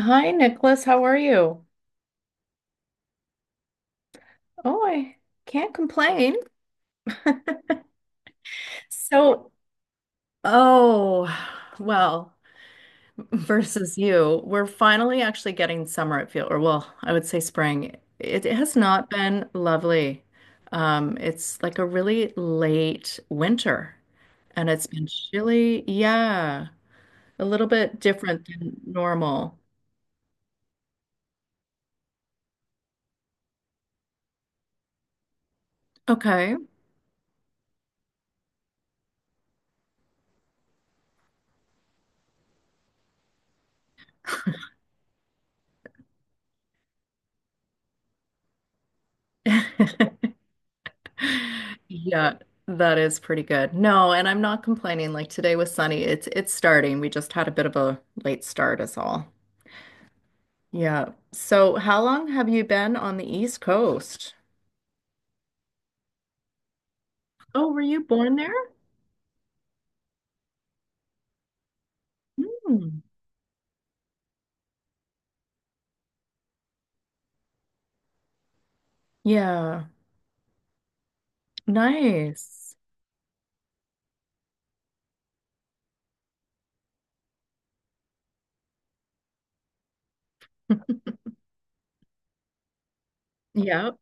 Hi, Nicholas. How are you? Oh, I can't complain. So, oh, well, Versus you, we're finally actually getting summer, or I would say spring. It has not been lovely. It's like a really late winter, and it's been chilly. Yeah, a little bit different than normal. Okay. Yeah, that is pretty good. No, and I'm not complaining. Like today was sunny. It's starting. We just had a bit of a late start is all. Yeah. So how long have you been on the East Coast? Oh, were you born there? Hmm. Yeah. Nice. Yep.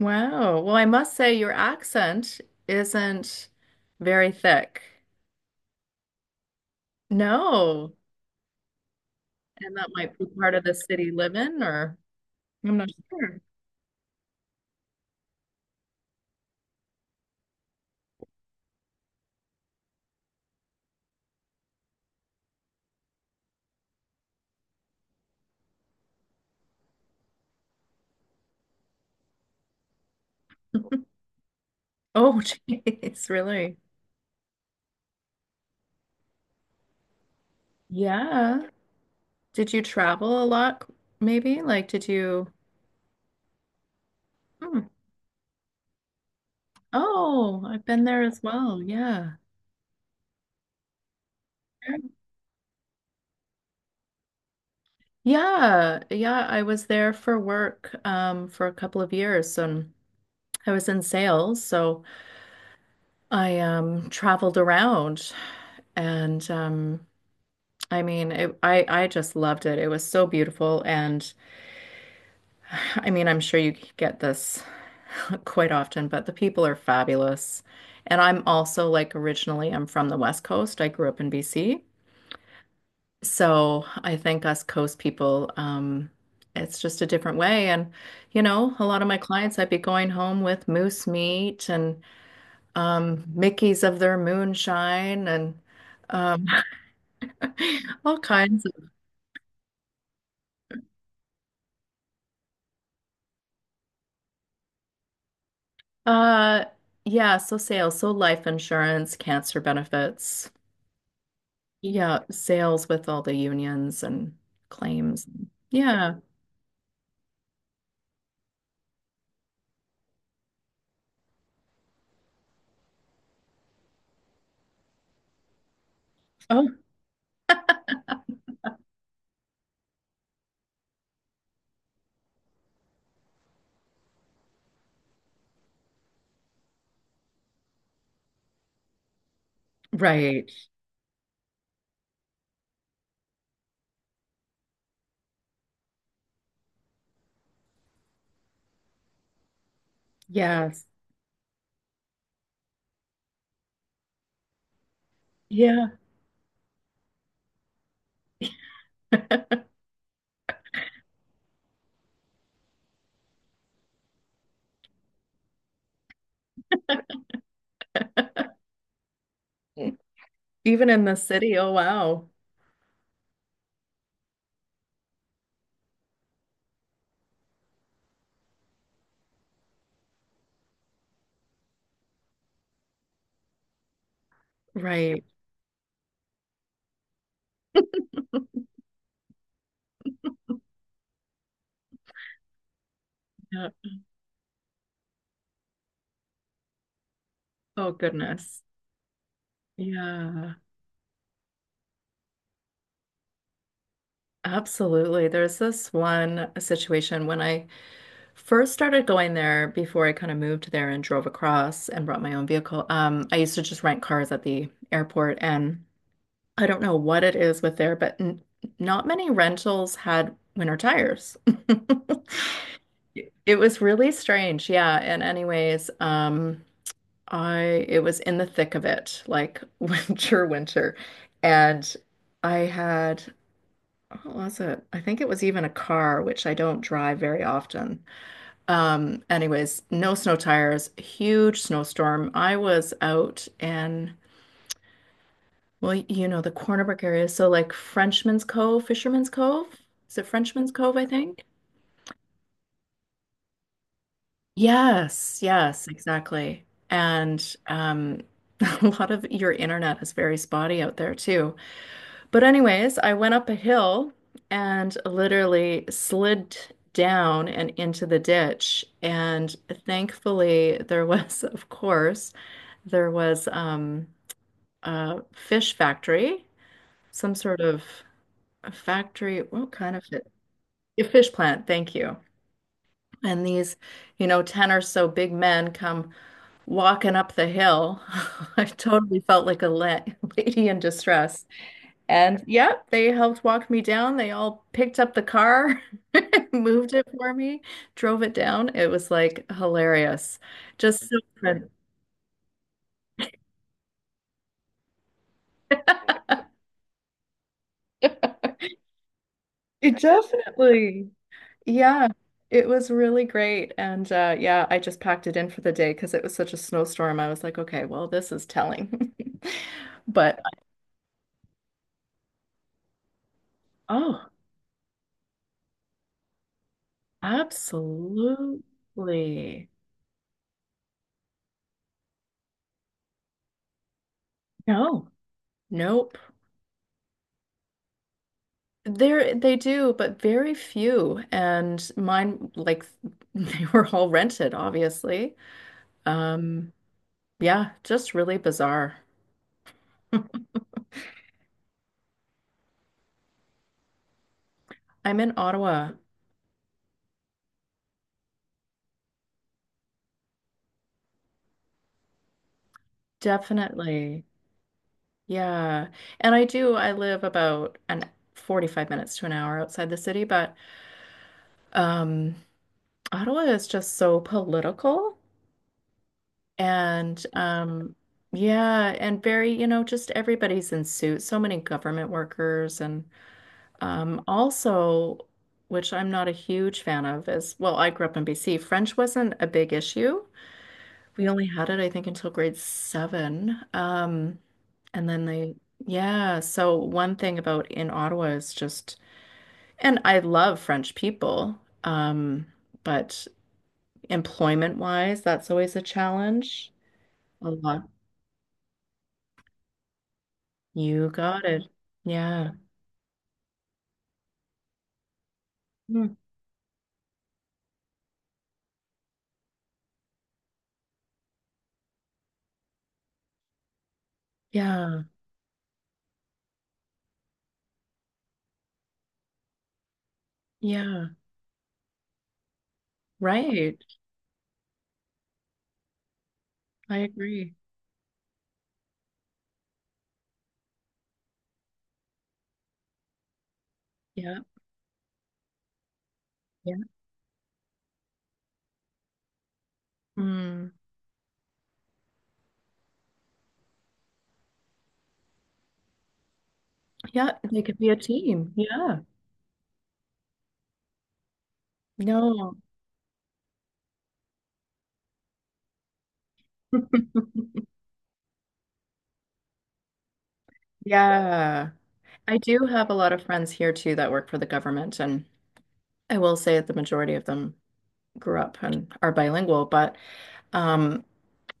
Wow. Well, I must say your accent isn't very thick. No. And that might be part of the city living, or I'm not sure. Oh, jeez, really? Yeah. Did you travel a lot, maybe? Like, did you? Hmm. Oh, I've been there as well. Yeah. Yeah. Yeah. I was there for work for a couple of years. I was in sales, so I traveled around, and I mean, I just loved it. It was so beautiful. And I mean, I'm sure you get this quite often, but the people are fabulous. And I'm also, like, originally I'm from the West Coast. I grew up in BC. So I think us coast people, it's just a different way. And, you know, a lot of my clients, I'd be going home with moose meat and Mickeys of their moonshine and um all kinds of uh yeah, so sales, so life insurance, cancer benefits. Yeah, sales with all the unions and claims. Yeah. Oh, right. Yes. Yeah. Even in the city. Oh, wow. Right. Yeah. Oh, goodness. Yeah. Absolutely. There's this one situation when I first started going there, before I kind of moved there and drove across and brought my own vehicle. I used to just rent cars at the airport, and I don't know what it is with there, but n not many rentals had winter tires. It was really strange. Yeah. And anyways, I it was in the thick of it, like, winter, winter. And I had, what was it? I think it was even a car, which I don't drive very often. Anyways, no snow tires, huge snowstorm. I was out in, well, you know, the Cornerback area. So like Frenchman's Cove, Fisherman's Cove. Is it Frenchman's Cove, I think? Yes, yes, exactly. And a lot of your internet is very spotty out there too. But anyways, I went up a hill and literally slid down and into the ditch. And thankfully there was, of course, there was a fish factory, some sort of a factory. What kind of fish? A fish plant, thank you. And these, you know, 10 or so big men come walking up the hill. I totally felt like a la lady in distress. And yep, they helped walk me down. They all picked up the car, moved it for me, drove it down. It was like hilarious. Just so friendly. It definitely. Yeah, it was really great. And yeah, I just packed it in for the day because it was such a snowstorm. I was like, okay, well, this is telling. But oh, absolutely. No, nope. There they do, but very few. And mine, like, they were all rented, obviously. Um, yeah, just really bizarre. I'm in Ottawa, definitely. Yeah. And I do, I live about an 45 minutes to an hour outside the city, but um Ottawa is just so political and yeah, and very, you know, just everybody's in suits, so many government workers and also, which I'm not a huge fan of is, well, I grew up in BC, French wasn't a big issue. We only had it, I think, until grade seven. And then they, yeah. So one thing about in Ottawa is just, and I love French people, um, but employment-wise, that's always a challenge. A lot. You got it. Yeah. Mm. Yeah. Yeah. Right. I agree. Yeah. Yeah. Mm. Yeah. They could be a team. Yeah. No. Yeah. I do have a lot of friends here too that work for the government, and I will say that the majority of them grew up and are bilingual. But um,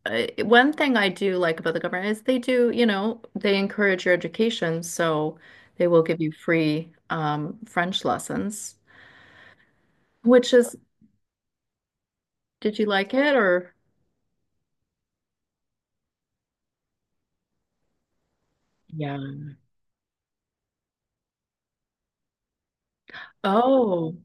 one thing I do like about the government is they do, you know, they encourage your education, so they will give you free French lessons, which is, did you like it or? Yeah. Oh,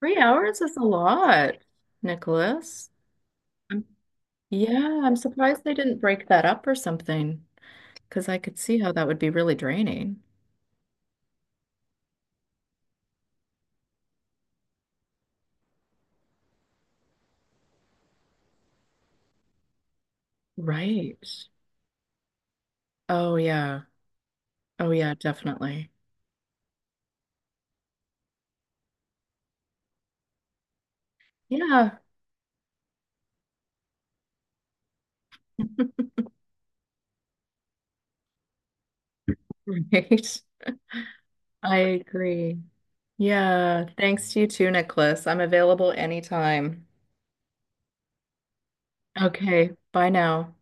3 hours is a lot, Nicholas. I'm, yeah, I'm surprised they didn't break that up or something, because I could see how that would be really draining. Right. Oh yeah. Oh yeah, definitely. Yeah. Right. I agree. Yeah. Thanks to you too, Nicholas. I'm available anytime. Okay. Bye now.